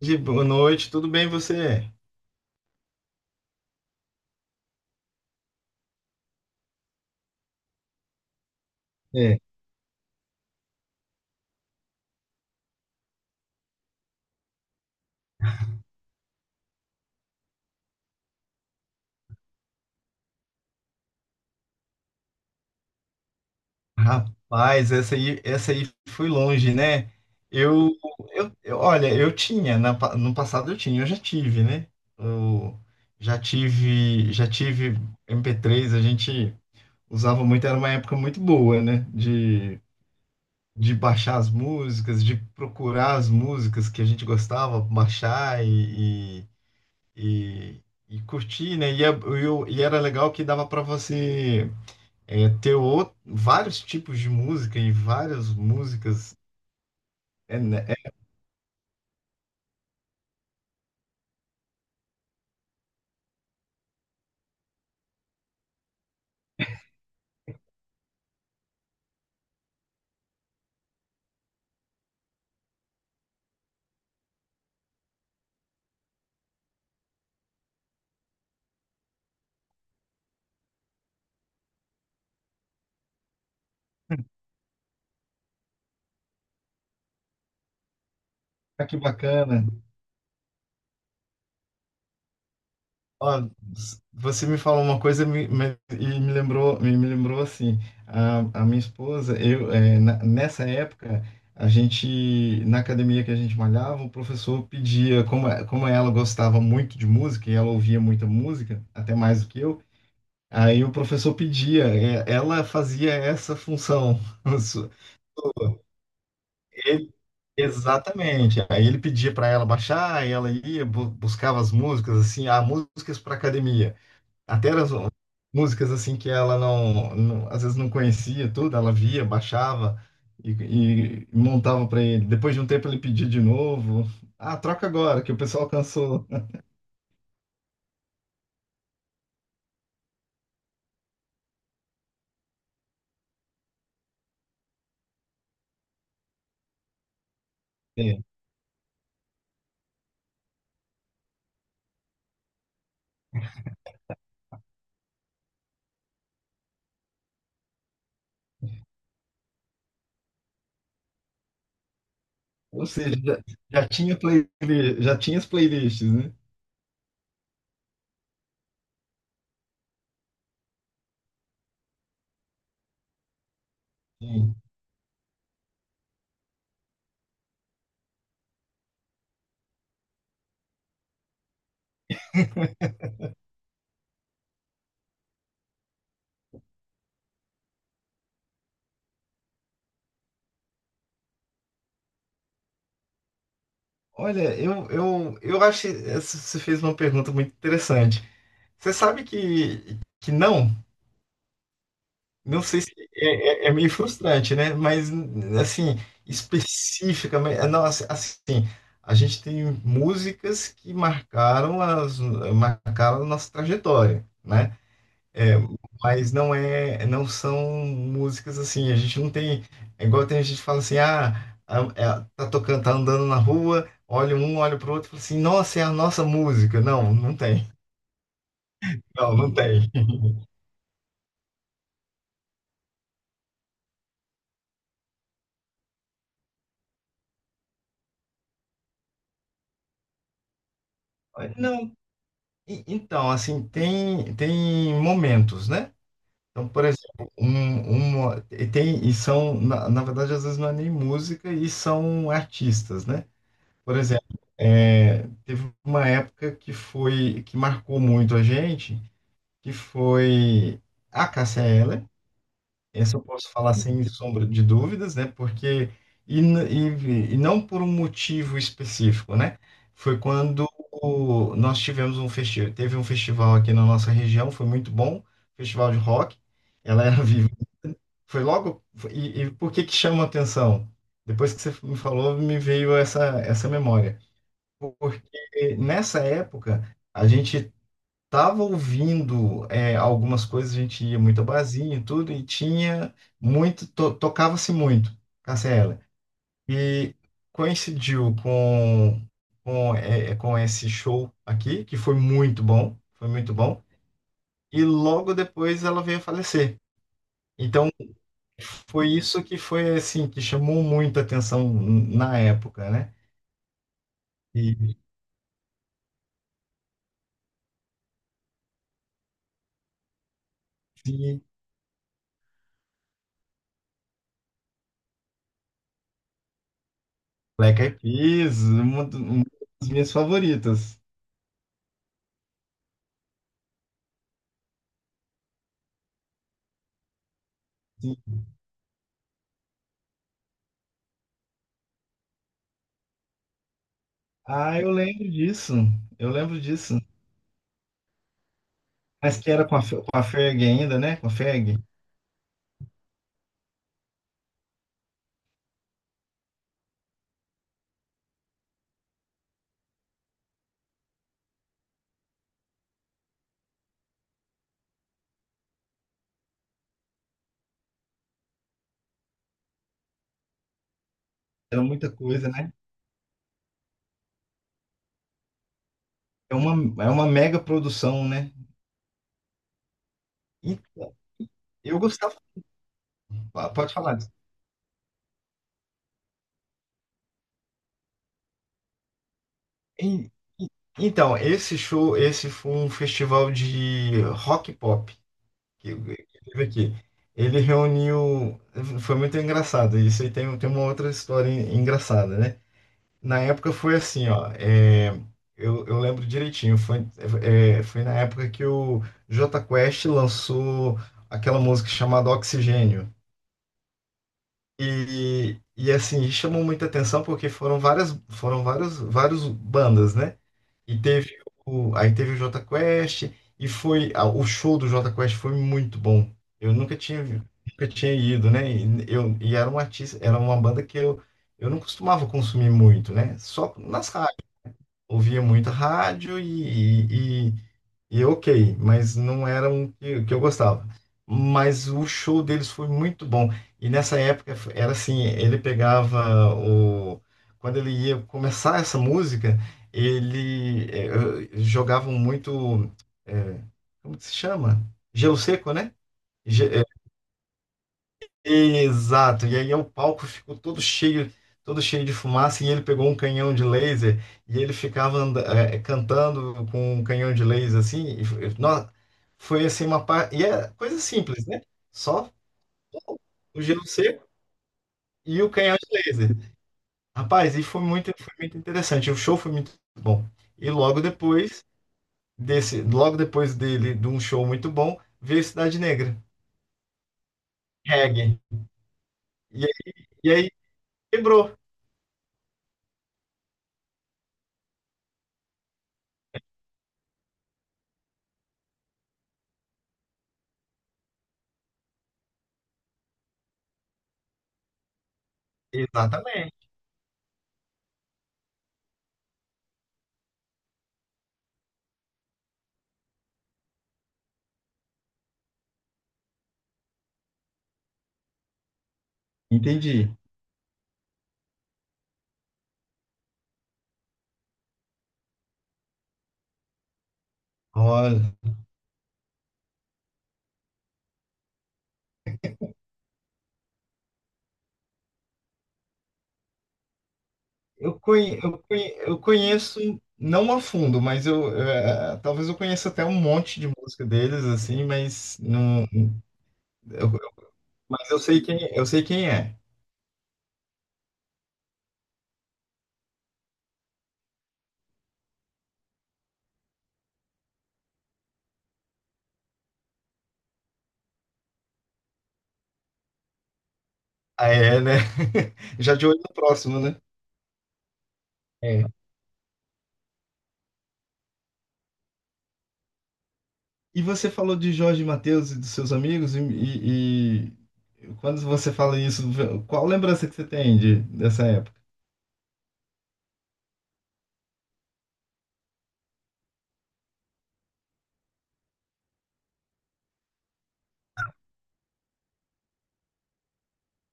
De boa noite, tudo bem você? É. Rapaz, essa aí foi longe, né? Eu, Olha, eu tinha, no passado eu tinha, eu já tive, né? Eu já tive MP3, a gente usava muito, era uma época muito boa, né? De baixar as músicas, de procurar as músicas que a gente gostava, baixar e, e curtir, né? E era legal que dava para você, ter outro, vários tipos de música e várias músicas. É, né? É que bacana. Ó, você me falou uma coisa, e me lembrou, me lembrou assim, a minha esposa, eu, é, nessa época, a gente, na academia que a gente malhava, o professor pedia, como, como ela gostava muito de música e ela ouvia muita música, até mais do que eu, aí o professor pedia, é, ela fazia essa função. Sua. Exatamente. Aí ele pedia para ela baixar, e ela ia, buscava as músicas, assim, ah, músicas para academia. Até eram as músicas, assim, que ela às vezes não conhecia tudo, ela via, baixava e, e montava para ele. Depois de um tempo ele pedia de novo. Ah, troca agora, que o pessoal cansou. É. Ou seja, já tinha playlist, já tinha as playlists, né? Sim. Olha, eu acho que você fez uma pergunta muito interessante. Você sabe que não? Não sei se é meio frustrante, né? Mas, assim, específica, mas- nossa, assim, a gente tem músicas que marcaram a nossa trajetória, né? É, mas não são músicas assim, a gente não tem, é igual tem gente que fala assim, ah, é, tá tocando, tá andando na rua, olha um, olha pro outro, e fala assim, nossa, é a nossa música. Não, não tem. Não, não tem. Não, então, assim, tem momentos, né? Então, por exemplo, e tem, e são, na verdade, às vezes não é nem música e são artistas, né? Por exemplo, teve uma época que que marcou muito a gente, que foi a Cássia Eller. Essa eu posso falar sem sombra de dúvidas, né? Porque, e, n- e não por um motivo específico, né? Foi quando nós tivemos um festival, teve um festival aqui na nossa região, foi muito bom, festival de rock, ela era viva. Foi logo, foi- e por que que chama atenção? Depois que você me falou, me veio essa memória. Porque nessa época, a gente tava ouvindo, algumas coisas, a gente ia muito a barzinho e tudo, e tinha muito, tocava-se muito Cassiela. E coincidiu com esse show aqui, que foi muito bom, e logo depois ela veio a falecer. Então foi isso que foi assim, que chamou muita atenção na época, né? E, e Black Eyed Peas, uma uma das minhas favoritas. Ah, eu lembro disso. Eu lembro disso. Mas que era com a Ferg ainda, né? Com a Ferg. Era muita coisa, né? É uma mega produção, né? Então, eu gostava. Ah, pode falar disso. E- e- Então, esse show, esse foi um festival de rock pop que teve aqui. Ele reuniu. Foi muito engraçado. Isso aí tem uma outra história engraçada, né? Na época foi assim, ó, eu lembro direitinho. Foi na época que o Jota Quest lançou aquela música chamada Oxigênio. E assim, chamou muita atenção porque foram várias, foram vários, vários bandas, né? E teve o, aí teve o Jota Quest. O show do Jota Quest foi muito bom. Eu nunca tinha ido, né? E, eu, e era um artista, era uma banda que eu não costumava consumir muito, né? Só nas ouvia muito rádio e ok, mas não era um que eu gostava. Mas o show deles foi muito bom. E nessa época era assim, ele pegava o. Quando ele ia começar essa música, ele jogavam muito. eh, como que se chama? Gelo seco, né? Ge- eh, Exato. E aí o palco ficou todo cheio de fumaça, e ele pegou um canhão de laser, e ele ficava cantando com um canhão de laser assim. Foi assim uma parte. E é coisa simples, né? Só o gelo seco e o canhão de laser. Rapaz, e foi muito interessante. O show foi muito bom. E logo depois desse, logo depois dele, de um show muito bom, veio Cidade Negra, reggae. E, e aí quebrou. Exatamente. Entendi. Olha, eu conheço, não a fundo, mas eu, talvez eu conheça até um monte de música deles, assim, mas não, eu, eu- mas eu sei quem é. Ah, é, né? Já de olho no próximo, né? É. E você falou de Jorge Mateus e dos seus amigos, e quando você fala isso, qual lembrança que você tem dessa época?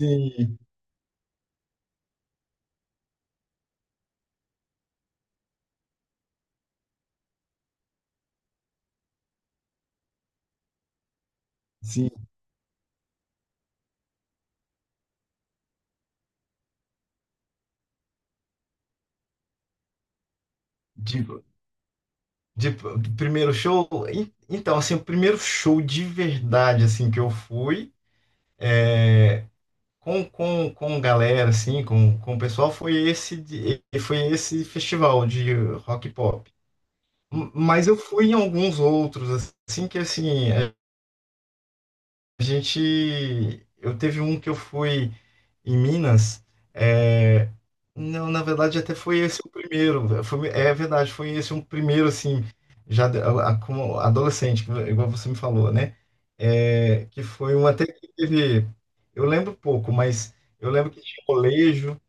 Sim, sim. Do primeiro show? Então, assim, o primeiro show de verdade, assim, que eu fui com galera, assim, com o pessoal, foi esse, foi esse festival de rock e pop. Mas eu fui em alguns outros, assim, que, assim, a gente. Eu teve um que eu fui em Minas. é, Não, na verdade, até foi esse o primeiro. É verdade, foi esse um primeiro, assim, já como adolescente, igual você me falou, né? É, que foi um até que teve. Eu lembro pouco, mas eu lembro que tinha colégio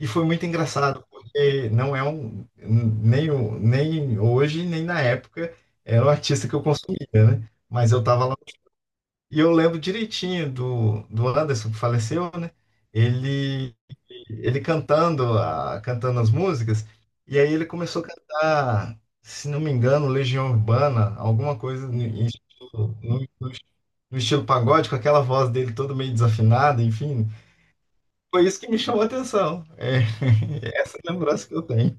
e foi muito engraçado, porque não é um. Nem, nem hoje, nem na época, era um artista que eu consumia, né? Mas eu estava, e eu lembro direitinho do Anderson, que faleceu, né? Ele, Ele cantando, cantando as músicas, e aí ele começou a cantar, se não me engano, Legião Urbana, alguma coisa no estilo pagode, com aquela voz dele toda meio desafinada, enfim. Foi isso que me chamou a atenção. É, essa é a lembrança que eu tenho.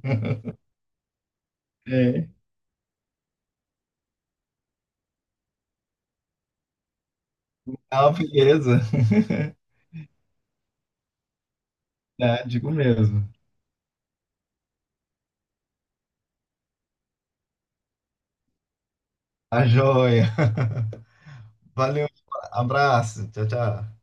É. Ah, beleza. É, digo mesmo. A joia. Valeu, abraço. Tchau, tchau.